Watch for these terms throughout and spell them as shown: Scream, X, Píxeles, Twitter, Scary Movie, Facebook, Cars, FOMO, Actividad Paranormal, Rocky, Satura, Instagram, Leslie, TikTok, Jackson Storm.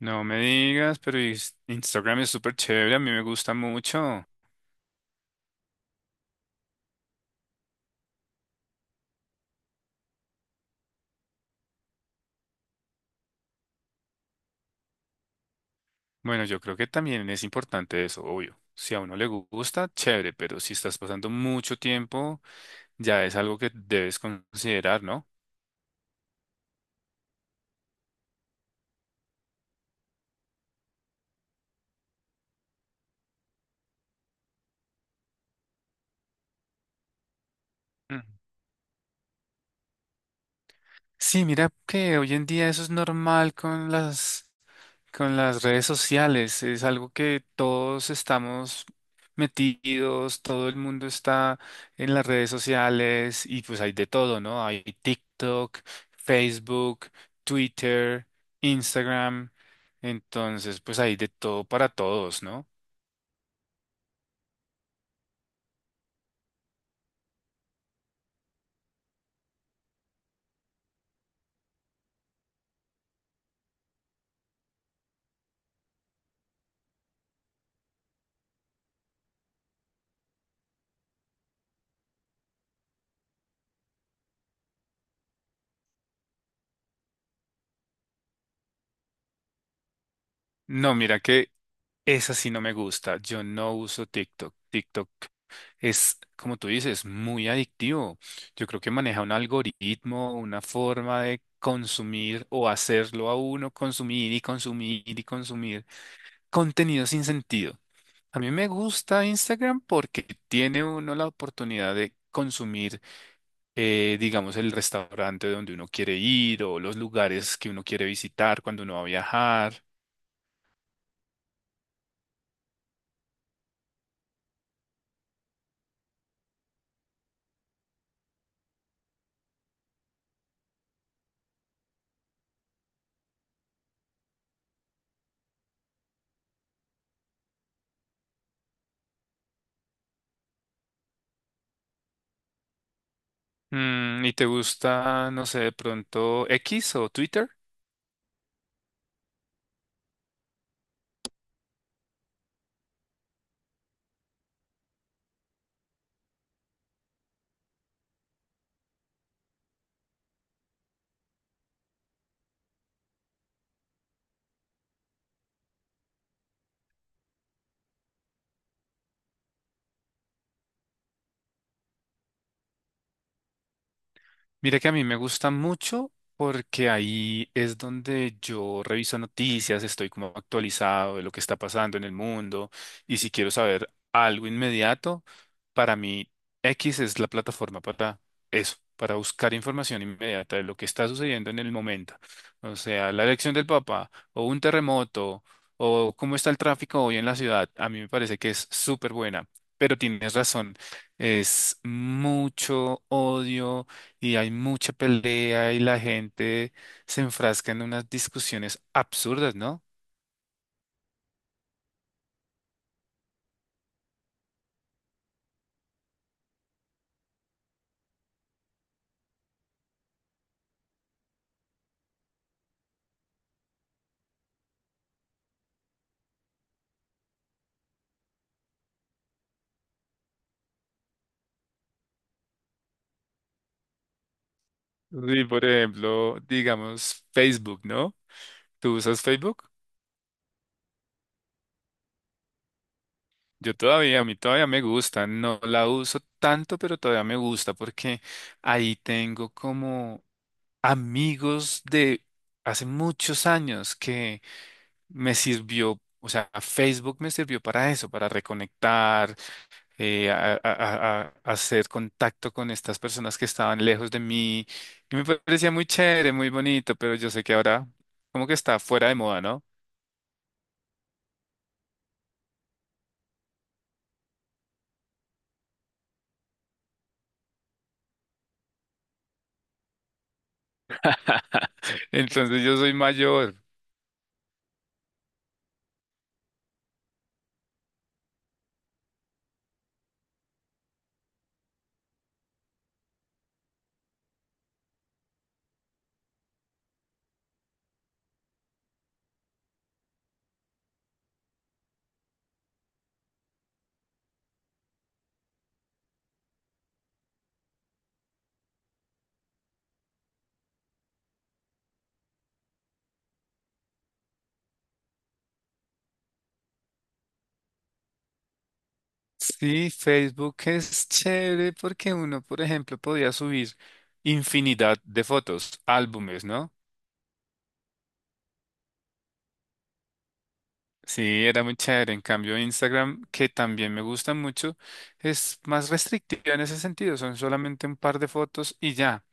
No me digas, pero Instagram es súper chévere, a mí me gusta mucho. Bueno, yo creo que también es importante eso, obvio. Si a uno gusta, chévere, pero si estás pasando mucho tiempo, ya es algo que debes considerar, ¿no? Mm. Sí, mira que hoy en día eso es normal con las. Con las redes sociales es algo que todos estamos metidos, todo el mundo está en las redes sociales y pues hay de todo, ¿no? Hay TikTok, Facebook, Twitter, Instagram, entonces pues hay de todo para todos, ¿no? No, mira que esa sí no me gusta, yo no uso TikTok. TikTok es, como tú dices, muy adictivo. Yo creo que maneja un algoritmo, una forma de consumir o hacerlo a uno consumir y consumir y consumir contenido sin sentido. A mí me gusta Instagram porque tiene uno la oportunidad de consumir, digamos, el restaurante donde uno quiere ir o los lugares que uno quiere visitar cuando uno va a viajar. Mm, ¿y te gusta, no sé, de pronto X o Twitter? Mira que a mí me gusta mucho porque ahí es donde yo reviso noticias, estoy como actualizado de lo que está pasando en el mundo y si quiero saber algo inmediato, para mí X es la plataforma para eso, para buscar información inmediata de lo que está sucediendo en el momento. O sea, la elección del Papa o un terremoto o cómo está el tráfico hoy en la ciudad, a mí me parece que es súper buena, pero tienes razón, es mucho odio y hay mucha pelea y la gente se enfrasca en unas discusiones absurdas, ¿no? Sí, por ejemplo, digamos Facebook, ¿no? ¿Tú usas Facebook? Yo todavía, a mí todavía me gusta, no la uso tanto, pero todavía me gusta porque ahí tengo como amigos de hace muchos años que me sirvió, o sea, Facebook me sirvió para eso, para reconectar, hacer contacto con estas personas que estaban lejos de mí. Y me parecía muy chévere, muy bonito, pero yo sé que ahora como que está fuera de moda, ¿no? Entonces yo soy mayor. Sí, Facebook es chévere porque uno, por ejemplo, podía subir infinidad de fotos, álbumes, ¿no? Sí, era muy chévere. En cambio, Instagram, que también me gusta mucho, es más restrictiva en ese sentido. Son solamente un par de fotos y ya.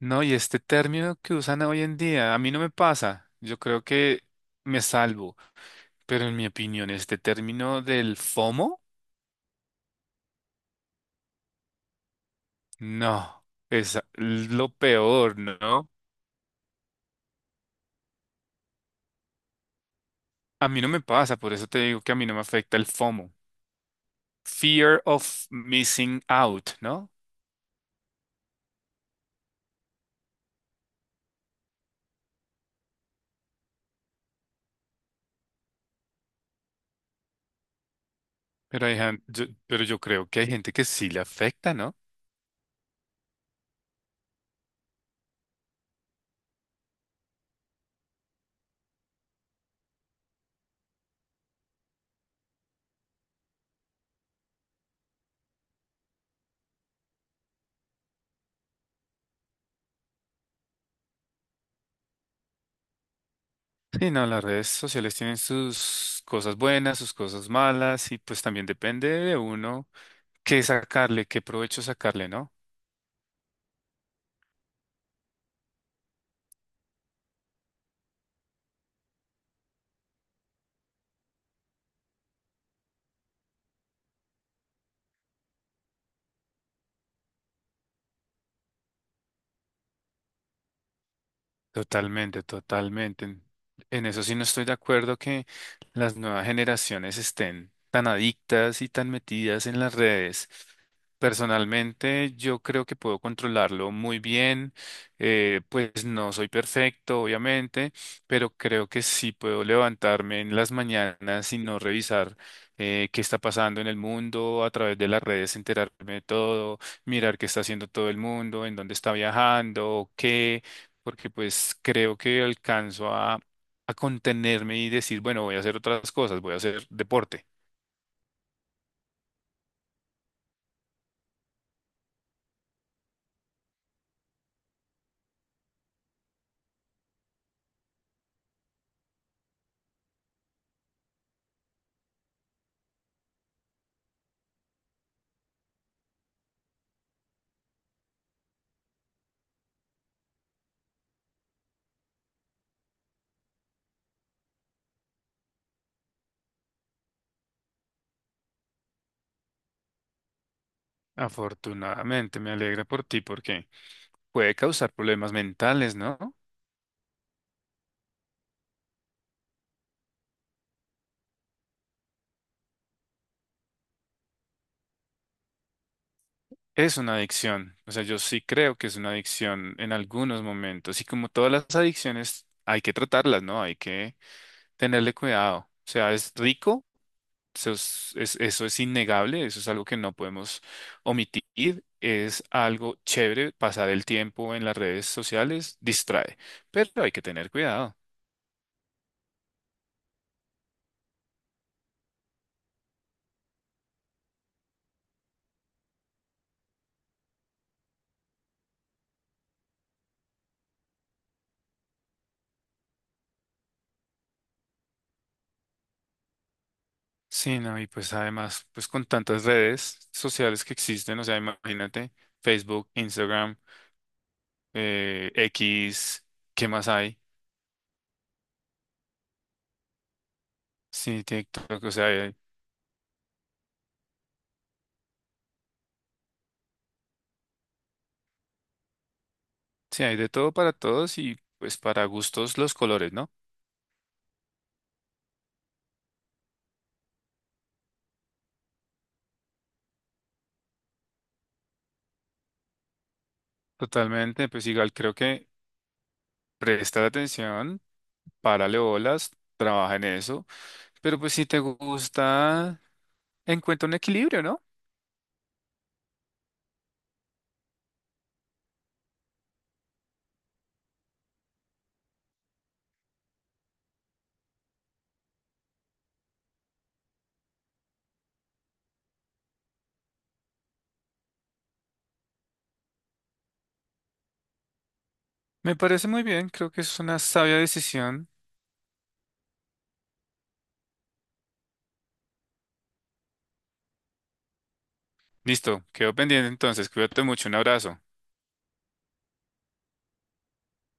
No, y este término que usan hoy en día, a mí no me pasa. Yo creo que me salvo, pero en mi opinión, este término del FOMO, no, es lo peor, ¿no? A mí no me pasa, por eso te digo que a mí no me afecta el FOMO. Fear of missing out, ¿no? Pero hay, pero yo creo que hay gente que sí le afecta, ¿no? Sí, no, las redes sociales tienen sus cosas buenas, sus cosas malas, y pues también depende de uno qué sacarle, qué provecho sacarle, ¿no? Totalmente, totalmente. En eso sí no estoy de acuerdo que las nuevas generaciones estén tan adictas y tan metidas en las redes. Personalmente, yo creo que puedo controlarlo muy bien. Pues no soy perfecto, obviamente, pero creo que sí puedo levantarme en las mañanas y no revisar qué está pasando en el mundo a través de las redes, enterarme de todo, mirar qué está haciendo todo el mundo, en dónde está viajando, qué porque pues creo que alcanzo a contenerme y decir, bueno, voy a hacer otras cosas, voy a hacer deporte. Afortunadamente, me alegra por ti porque puede causar problemas mentales, ¿no? Es una adicción, o sea, yo sí creo que es una adicción en algunos momentos y como todas las adicciones hay que tratarlas, ¿no? Hay que tenerle cuidado. O sea, es rico. Eso es innegable, eso es algo que no podemos omitir, es algo chévere, pasar el tiempo en las redes sociales distrae, pero hay que tener cuidado. Sí, no, y pues además, pues con tantas redes sociales que existen, o sea, imagínate, Facebook, Instagram, X, ¿qué más hay? Sí, TikTok, o sea, hay- sí, hay de todo para todos y pues para gustos los colores, ¿no? Totalmente, pues igual creo que prestar atención. Párale bolas, trabaja en eso. Pero pues si te gusta, encuentra un equilibrio, ¿no? Me parece muy bien, creo que es una sabia decisión. Listo, quedo pendiente entonces, cuídate mucho, un abrazo.